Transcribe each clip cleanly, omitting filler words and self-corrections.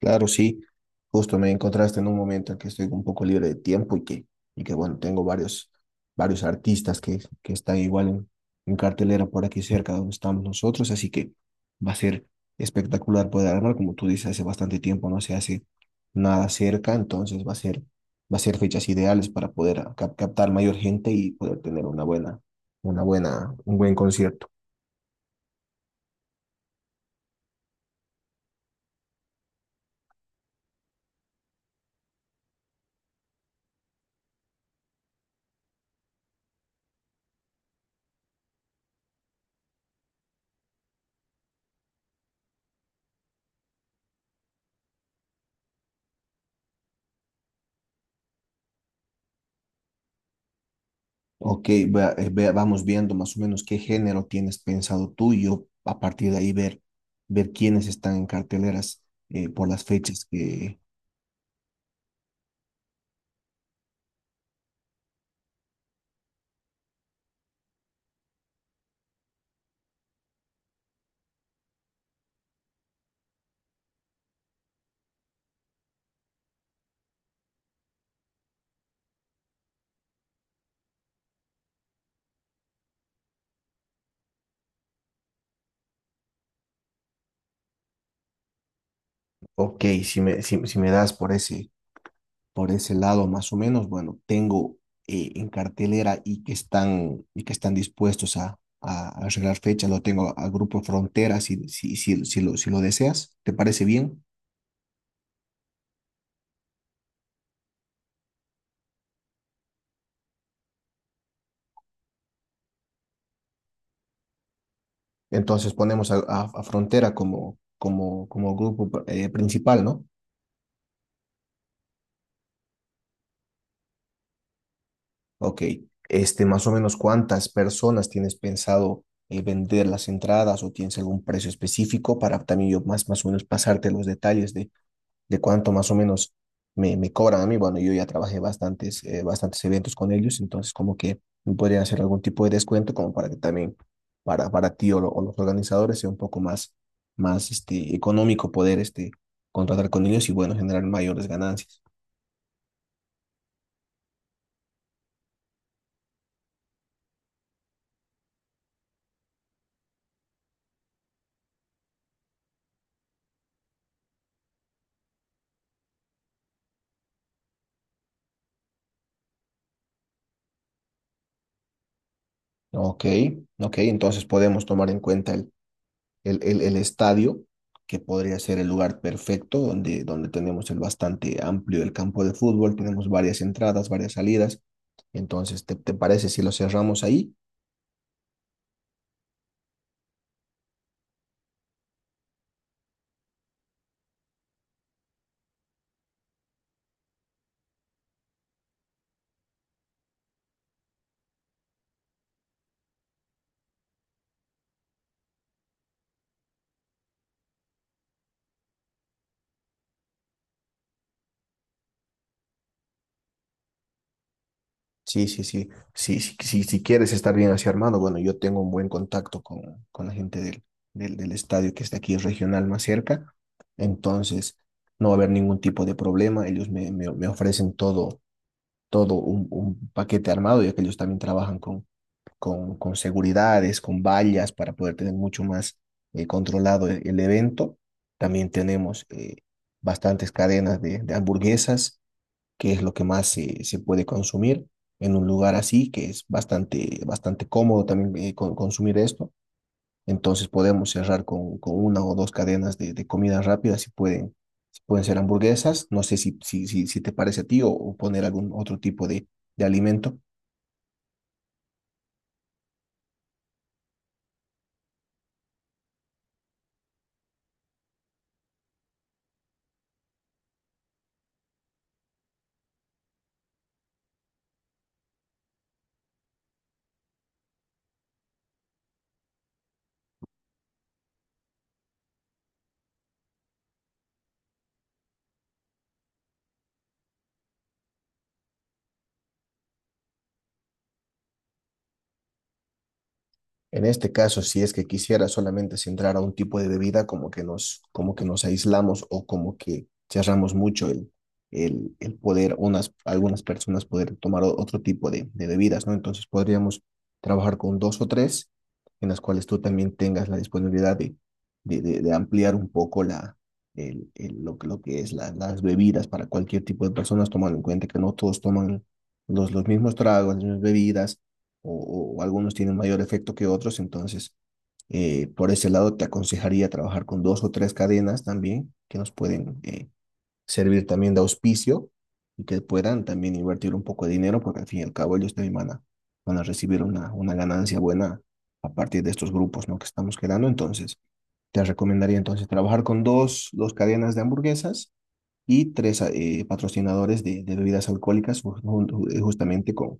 Claro, sí, justo me encontraste en un momento en que estoy un poco libre de tiempo y que bueno, varios artistas que están igual en cartelera por aquí cerca donde estamos nosotros, así que va a ser espectacular poder armar, como tú dices, hace bastante tiempo no se hace nada cerca, entonces va a ser fechas ideales para poder captar mayor gente y poder tener una buena, un buen concierto. Ok, vamos viendo más o menos qué género tienes pensado tú y yo a partir de ahí ver quiénes están en carteleras por las fechas que... Ok, si me das por ese lado más o menos, bueno, tengo en cartelera y que están dispuestos a arreglar fechas, lo tengo a Grupo Frontera si lo deseas, ¿te parece bien? Entonces ponemos a Frontera como grupo principal, ¿no? Ok, este, más o menos cuántas personas tienes pensado vender las entradas o tienes algún precio específico para también yo más o menos pasarte los detalles de cuánto más o menos me cobran a mí. Bueno, yo ya trabajé bastantes eventos con ellos, entonces como que me podrían hacer algún tipo de descuento como para que también para ti o, o los organizadores sea un poco más este, económico poder este, contratar con ellos y bueno, generar mayores ganancias. Ok, ok, entonces podemos tomar en cuenta el estadio, que podría ser el lugar perfecto, donde tenemos el bastante amplio el campo de fútbol, tenemos varias entradas, varias salidas. Entonces, ¿ te parece si lo cerramos ahí? Sí, sí, sí. Sí, sí, sí, si quieres estar bien así armado, bueno, yo tengo un buen contacto con la gente del estadio que está aquí regional más cerca. Entonces, no va a haber ningún tipo de problema. Ellos me ofrecen todo, un paquete armado, ya que ellos también trabajan con seguridades, con vallas para poder tener mucho más controlado el evento. También tenemos bastantes cadenas de hamburguesas, que es lo que más se puede consumir en un lugar así, que es bastante cómodo también consumir esto. Entonces podemos cerrar con una o dos cadenas de comida rápida si pueden ser hamburguesas. No sé si te parece a ti o poner algún otro tipo de alimento. En este caso, si es que quisiera solamente centrar a un tipo de bebida, como que nos aislamos o como que cerramos mucho el poder, unas, algunas personas poder tomar otro tipo de bebidas, ¿no? Entonces podríamos trabajar con dos o tres en las cuales tú también tengas la disponibilidad de ampliar un poco lo, lo que es las bebidas para cualquier tipo de personas, tomando en cuenta que no todos toman los mismos tragos, las mismas bebidas o algunos tienen mayor efecto que otros, entonces por ese lado te aconsejaría trabajar con dos o tres cadenas también que nos pueden servir también de auspicio y que puedan también invertir un poco de dinero porque al fin y al cabo ellos también van a, van a recibir una ganancia buena a partir de estos grupos, ¿no?, que estamos creando. Entonces te recomendaría entonces trabajar con dos cadenas de hamburguesas y tres patrocinadores de bebidas alcohólicas justamente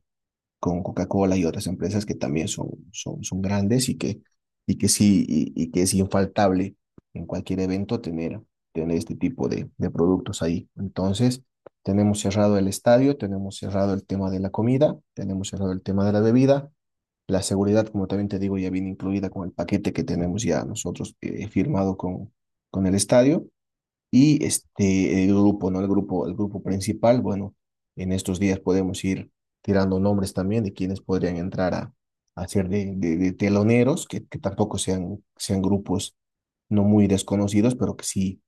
con Coca-Cola y otras empresas que también son grandes y que es infaltable en cualquier evento tener este tipo de productos ahí. Entonces, tenemos cerrado el estadio, tenemos cerrado el tema de la comida, tenemos cerrado el tema de la bebida. La seguridad, como también te digo, ya viene incluida con el paquete que tenemos ya nosotros firmado con el estadio. Y este, el grupo, ¿no? El grupo principal, bueno, en estos días podemos ir tirando nombres también de quienes podrían entrar a ser de teloneros, que tampoco sean grupos no muy desconocidos, pero que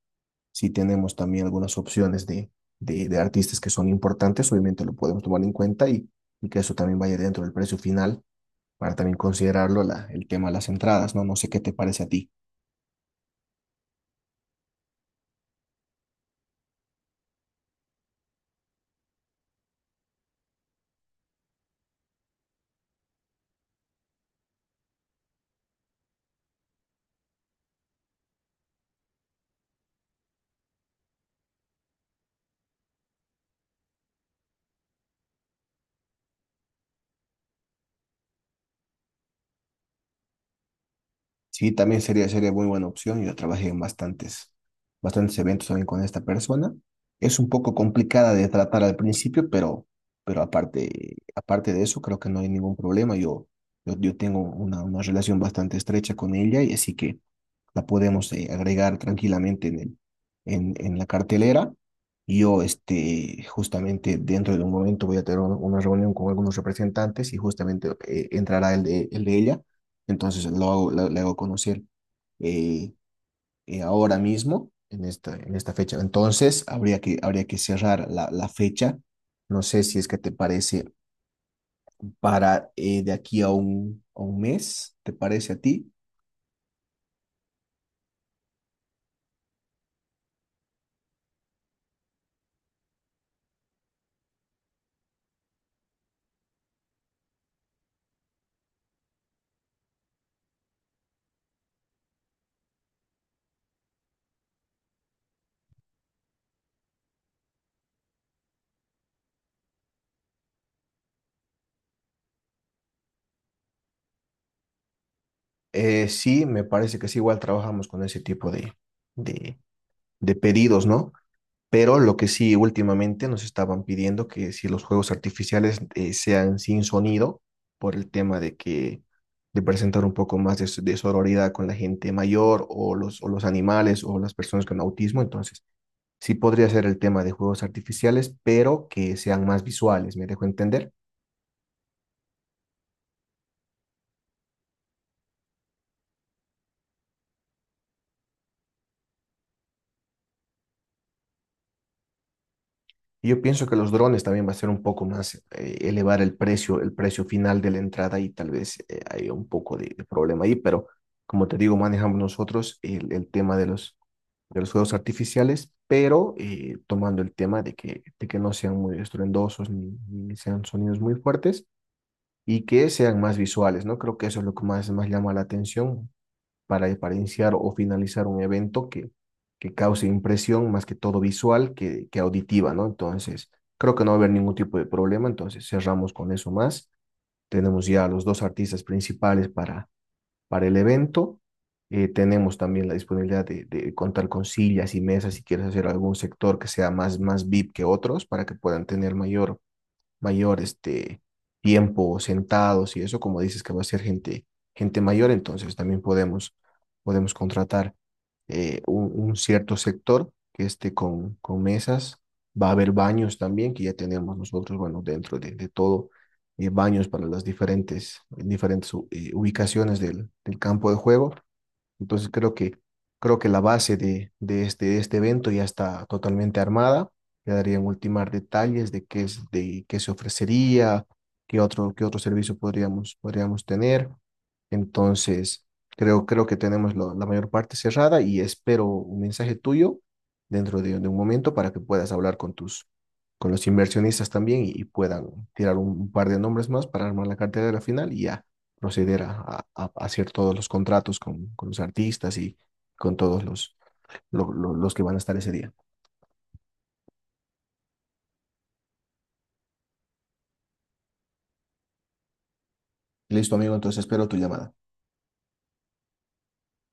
sí tenemos también algunas opciones de artistas que son importantes, obviamente lo podemos tomar en cuenta y que eso también vaya dentro del precio final para también considerarlo el tema de las entradas, ¿no? No sé qué te parece a ti. Sí, también sería muy buena opción. Yo trabajé en bastantes eventos también con esta persona. Es un poco complicada de tratar al principio, pero aparte de eso, creo que no hay ningún problema. Yo tengo una relación bastante estrecha con ella y así que la podemos agregar tranquilamente en la cartelera. Yo, este, justamente dentro de un momento voy a tener una reunión con algunos representantes y justamente entrará el de ella. Entonces lo hago, le hago conocer eh, ahora mismo, en esta fecha. Entonces habría que cerrar la fecha. No sé si es que te parece para de aquí a un mes, ¿te parece a ti? Sí, me parece que sí, igual trabajamos con ese tipo de, de pedidos, ¿no? Pero lo que sí, últimamente nos estaban pidiendo que si los juegos artificiales sean sin sonido, por el tema de que de presentar un poco más de, de sororidad con la gente mayor o los animales o las personas con autismo, entonces sí podría ser el tema de juegos artificiales, pero que sean más visuales, ¿me dejo entender? Y yo pienso que los drones también va a ser un poco más, elevar el precio final de la entrada y tal vez hay un poco de problema ahí, pero como te digo, manejamos nosotros el tema de los juegos artificiales, pero tomando el tema de que no sean muy estruendosos ni sean sonidos muy fuertes y que sean más visuales, ¿no? Creo que eso es lo que más llama la atención, para iniciar o finalizar un evento que cause impresión más que todo visual que auditiva, ¿no? Entonces, creo que no va a haber ningún tipo de problema, entonces cerramos con eso más. Tenemos ya los dos artistas principales para el evento. Tenemos también la disponibilidad contar con sillas y mesas si quieres hacer algún sector que sea más VIP que otros para que puedan tener mayor este, tiempo sentados y eso, como dices que va a ser gente mayor, entonces también podemos contratar un cierto sector que esté con mesas. Va a haber baños también, que ya tenemos nosotros, bueno, de todo, baños para las diferentes ubicaciones del campo de juego. Entonces creo que la base de este evento ya está totalmente armada. Quedarían ultimar detalles de de qué se ofrecería, qué otro servicio podríamos tener. Entonces, creo que tenemos la mayor parte cerrada y espero un mensaje tuyo dentro de un momento para que puedas hablar con tus, con los inversionistas también y puedan tirar un par de nombres más para armar la cartera de la final y ya proceder a hacer todos los contratos con los artistas y con todos los, los que van a estar ese día. Listo, amigo, entonces espero tu llamada.